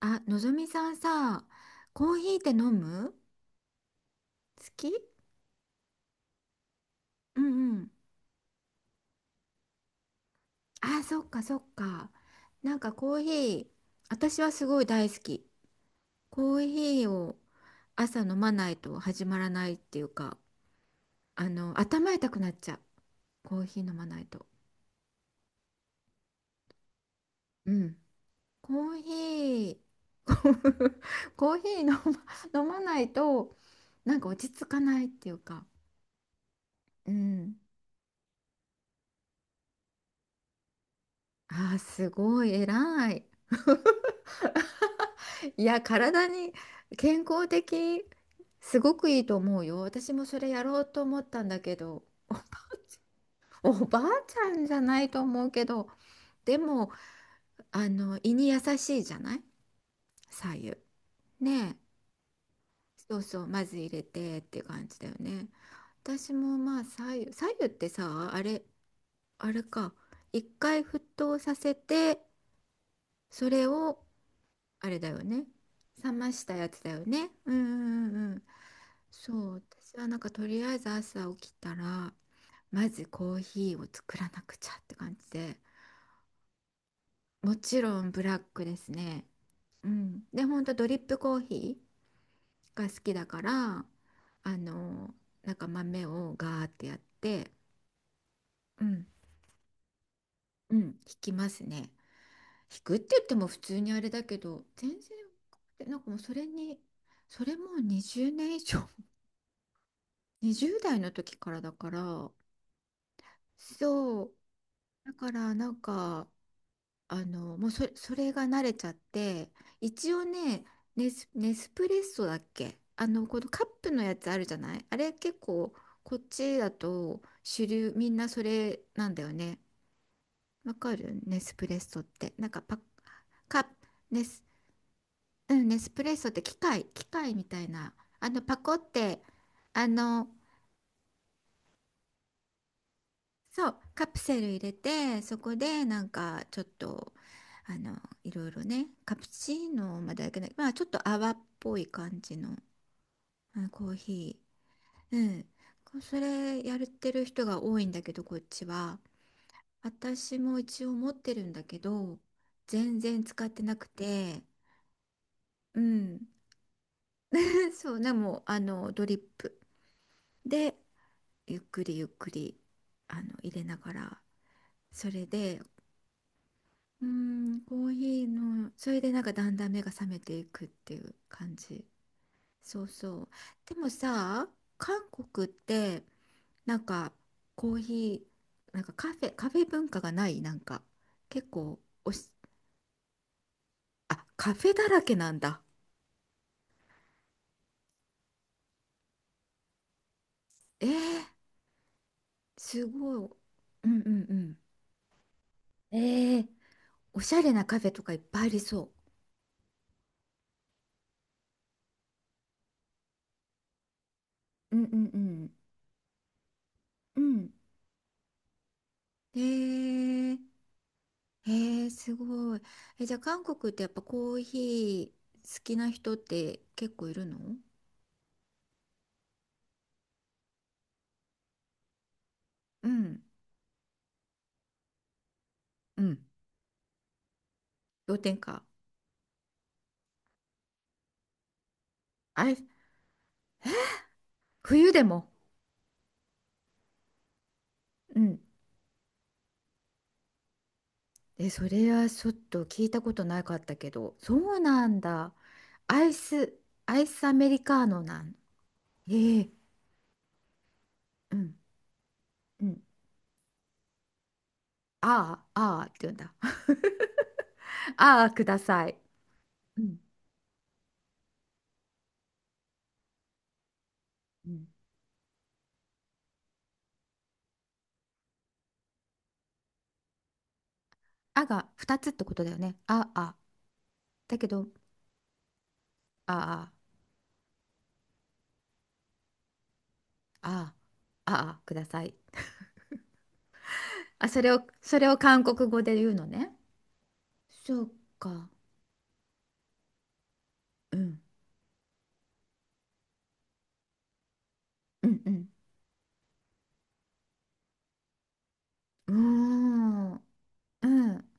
あ、のぞみさんさ、コーヒーって飲む？好き？うんうん。あ、そっかそっか。なんかコーヒー、私はすごい大好き。コーヒーを朝飲まないと始まらないっていうか、頭痛くなっちゃう。コーヒー飲まないと。うん。コーヒー、コー コーヒー飲ま、飲まないと、なんか落ち着かないっていうか。うん。あー、すごい偉い。いや、体に健康的、すごくいいと思うよ。私もそれやろうと思ったんだけど、おばあちゃんじゃないと思うけど、でも、胃に優しいじゃない、白湯。ねえ。そうそう、まず入れてって感じだよね。私もまあ白湯、白湯ってさ、あれ、あれか。一回沸騰させて、それを、あれだよね。冷ましたやつだよね。うんうんうんうん。そう、私はなんかとりあえず朝起きたら、まずコーヒーを作らなくちゃって感じで、もちろんブラックですね。うん。で、ほんとドリップコーヒーが好きだから、あの、なんか豆をガーってやって、うん、うん、引きますね。引くって言っても普通にあれだけど、全然、でなんかもうそれに、それもう20年以上、20代の時からだから、そう。だからなんか、もうそれが慣れちゃって、一応ね、ネスプレッソだっけ、このカップのやつあるじゃない、あれ結構、こっちだと主流、みんなそれなんだよね。わかる？ネスプレッソって。なんかパッ、カップ、ネス、うん、ネスプレッソって機械みたいな。パコって、あの、そう、カプセル入れて、そこでなんかちょっと、あの、いろいろね、カプチーノまではいけない、まあちょっと泡っぽい感じの、コーヒー。うん。こそれやってる人が多いんだけど、こっちは。私も一応持ってるんだけど、全然使ってなくて、うん。 そうね、でも、ドリップで、ゆっくりゆっくり、入れながら、それでうん、コーヒーの、それでなんかだんだん目が覚めていくっていう感じ。そうそう。でもさ、韓国ってなんかコーヒー、カフェ文化がないなんか結構、おし、あ、カフェだらけなんだ。えー、すごい。うんうんうん。えー、おしゃれなカフェとかいっぱいありそう。うんうんうん。うん。えー、へえ、すごい。え、じゃあ韓国ってやっぱコーヒー好きな人って結構いるの？うん、うん。氷点下。あれ、冬でも。うん。え、それはちょっと聞いたことなかったけど、そうなんだ。アイス、アイスアメリカーノなん。ええ、うん、うん。ああ、ああって言うんだ。ああ、ください。うん、うん。あが2つってことだよね。ああ。だけど、ああ、ああ、ああ、ください。あ、それを韓国語で言うのね。そうか。うん。うんうん。うーん。うん。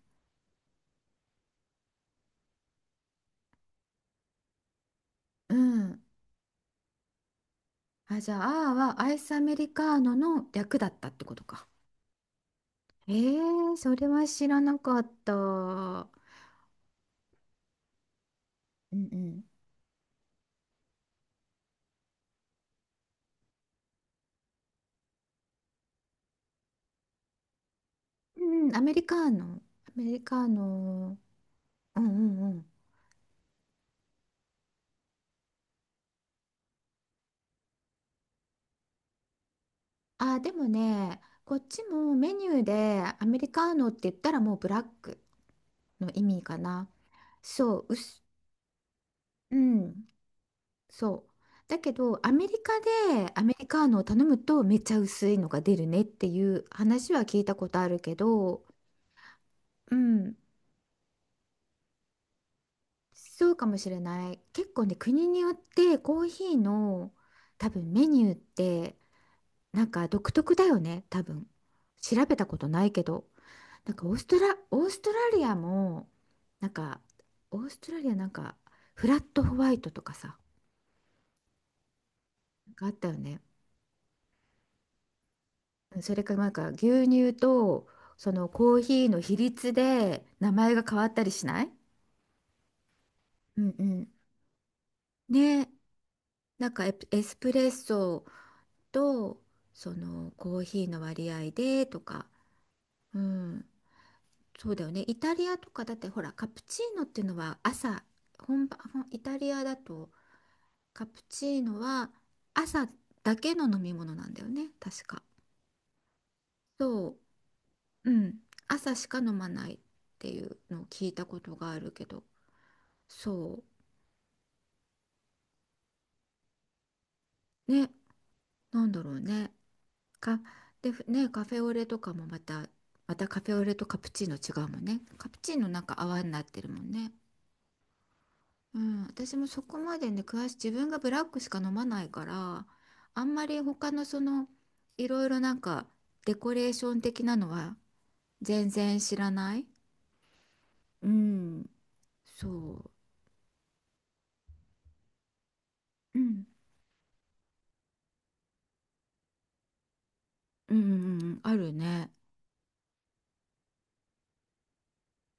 うん。あ、じゃあ、あーはアイスアメリカーノの略だったってことか。えー、それは知らなかった。うんうん。うん、アメリカーノ。アメリカーノ。うんうんうん。あ、でもね、こっちもメニューでアメリカーノって言ったらもうブラックの意味かな。そう、うん。そう。だけど、アメリカでアメリカーノを頼むとめっちゃ薄いのが出るねっていう話は聞いたことあるけど、うん、そうかもしれない。結構ね、国によってコーヒーの多分メニューってなんか独特だよね、多分。調べたことないけど。オーストラリアも、なんか、オーストラリアなんか、フラットホワイトとかさ、なんかあったよね。それからなんか牛乳とそのコーヒーの比率で名前が変わったりしない？うんうん。ね、なんかエスプレッソとそのコーヒーの割合でとか、うん、そうだよね。イタリアとかだってほらカプチーノっていうのは朝、本場、ほんイタリアだとカプチーノは朝だけの飲み物なんだよね、確か。そう、うん、朝しか飲まないっていうのを聞いたことがあるけど。そうね、なんだろうね、かでふねカフェオレとかもまた、またカフェオレとカプチーノ違うもんね、カプチーノなんか泡になってるもんね。うん、私もそこまでね詳しい、自分がブラックしか飲まないから、あんまり他のそのいろいろなんかデコレーション的なのは全然知らない。うん、そう、うんうんうんうん、あるね。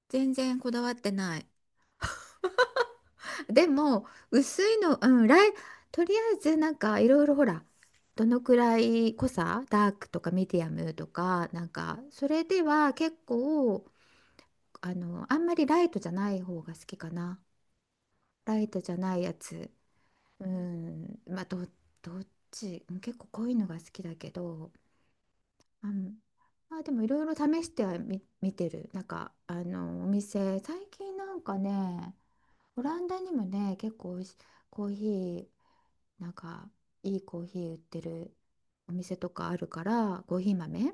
全然こだわってない。でも、薄いの、うん、とりあえずなんかいろいろほら、どのくらい濃さ、ダークとかミディアムとか、なんか、それでは結構、あんまりライトじゃない方が好きかな。ライトじゃないやつ。うん、まあ、どっち、うん結構濃いのが好きだけど、うん、まあでもいろいろ試しては見てる。なんか、お店、最近なんかね、オランダにもね、結構おいし、コーヒー、なんかいいコーヒー売ってるお店とかあるから、コーヒー豆、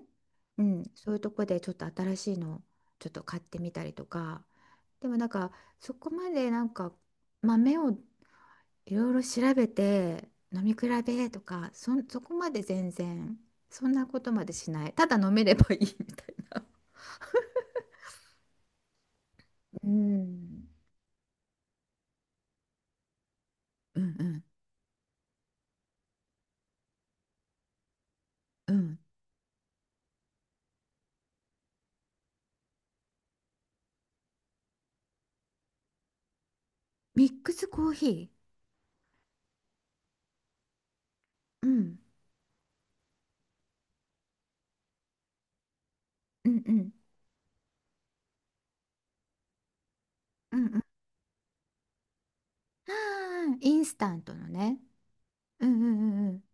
うん、そういうとこでちょっと新しいのちょっと買ってみたりとか。でもなんかそこまでなんか豆をいろいろ調べて飲み比べとか、そこまで全然そんなことまでしない、ただ飲めればいいみたいな。うん、うんうんうん、ミックスコーヒー、うん、うんうんうんうん、あーインスタントのね、うんうんうんうん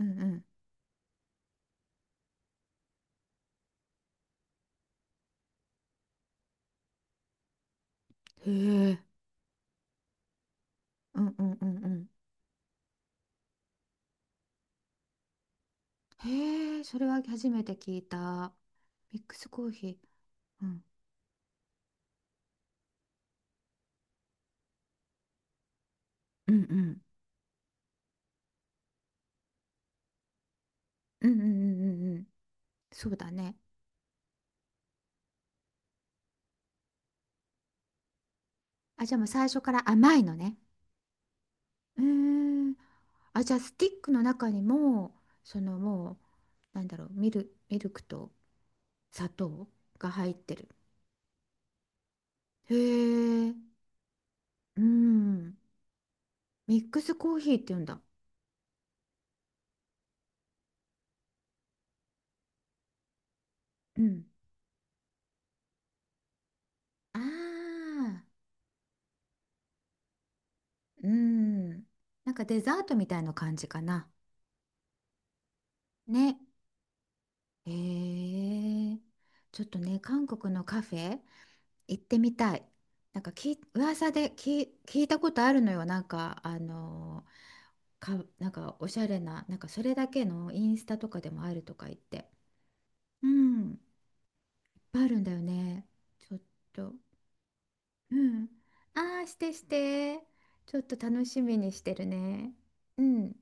うんうん、へえ、うんうんうんうん、へえ、それは初めて聞いた、ミックスコーヒー、うん、うんうんうんうんうんうんうん、そうだね、あじゃあもう最初から甘いのね。うーん、あじゃあスティックの中にもそのもうなんだろう、ミルクと砂糖が入ってる、へえ、うん、ミックスコーヒーって言うんだ、うん、ああー、うん。なんかデザートみたいな感じかな。ね。へえ。ちょっとね、韓国のカフェ行ってみたい。なんか噂で聞いたことあるのよ。なんか、あのー、か、なんかおしゃれな、なんかそれだけのインスタとかでもあるとか言って。うん。いっぱいあるんだよね。ちょっと。うん。ああ、してして。ちょっと楽しみにしてるね。うん。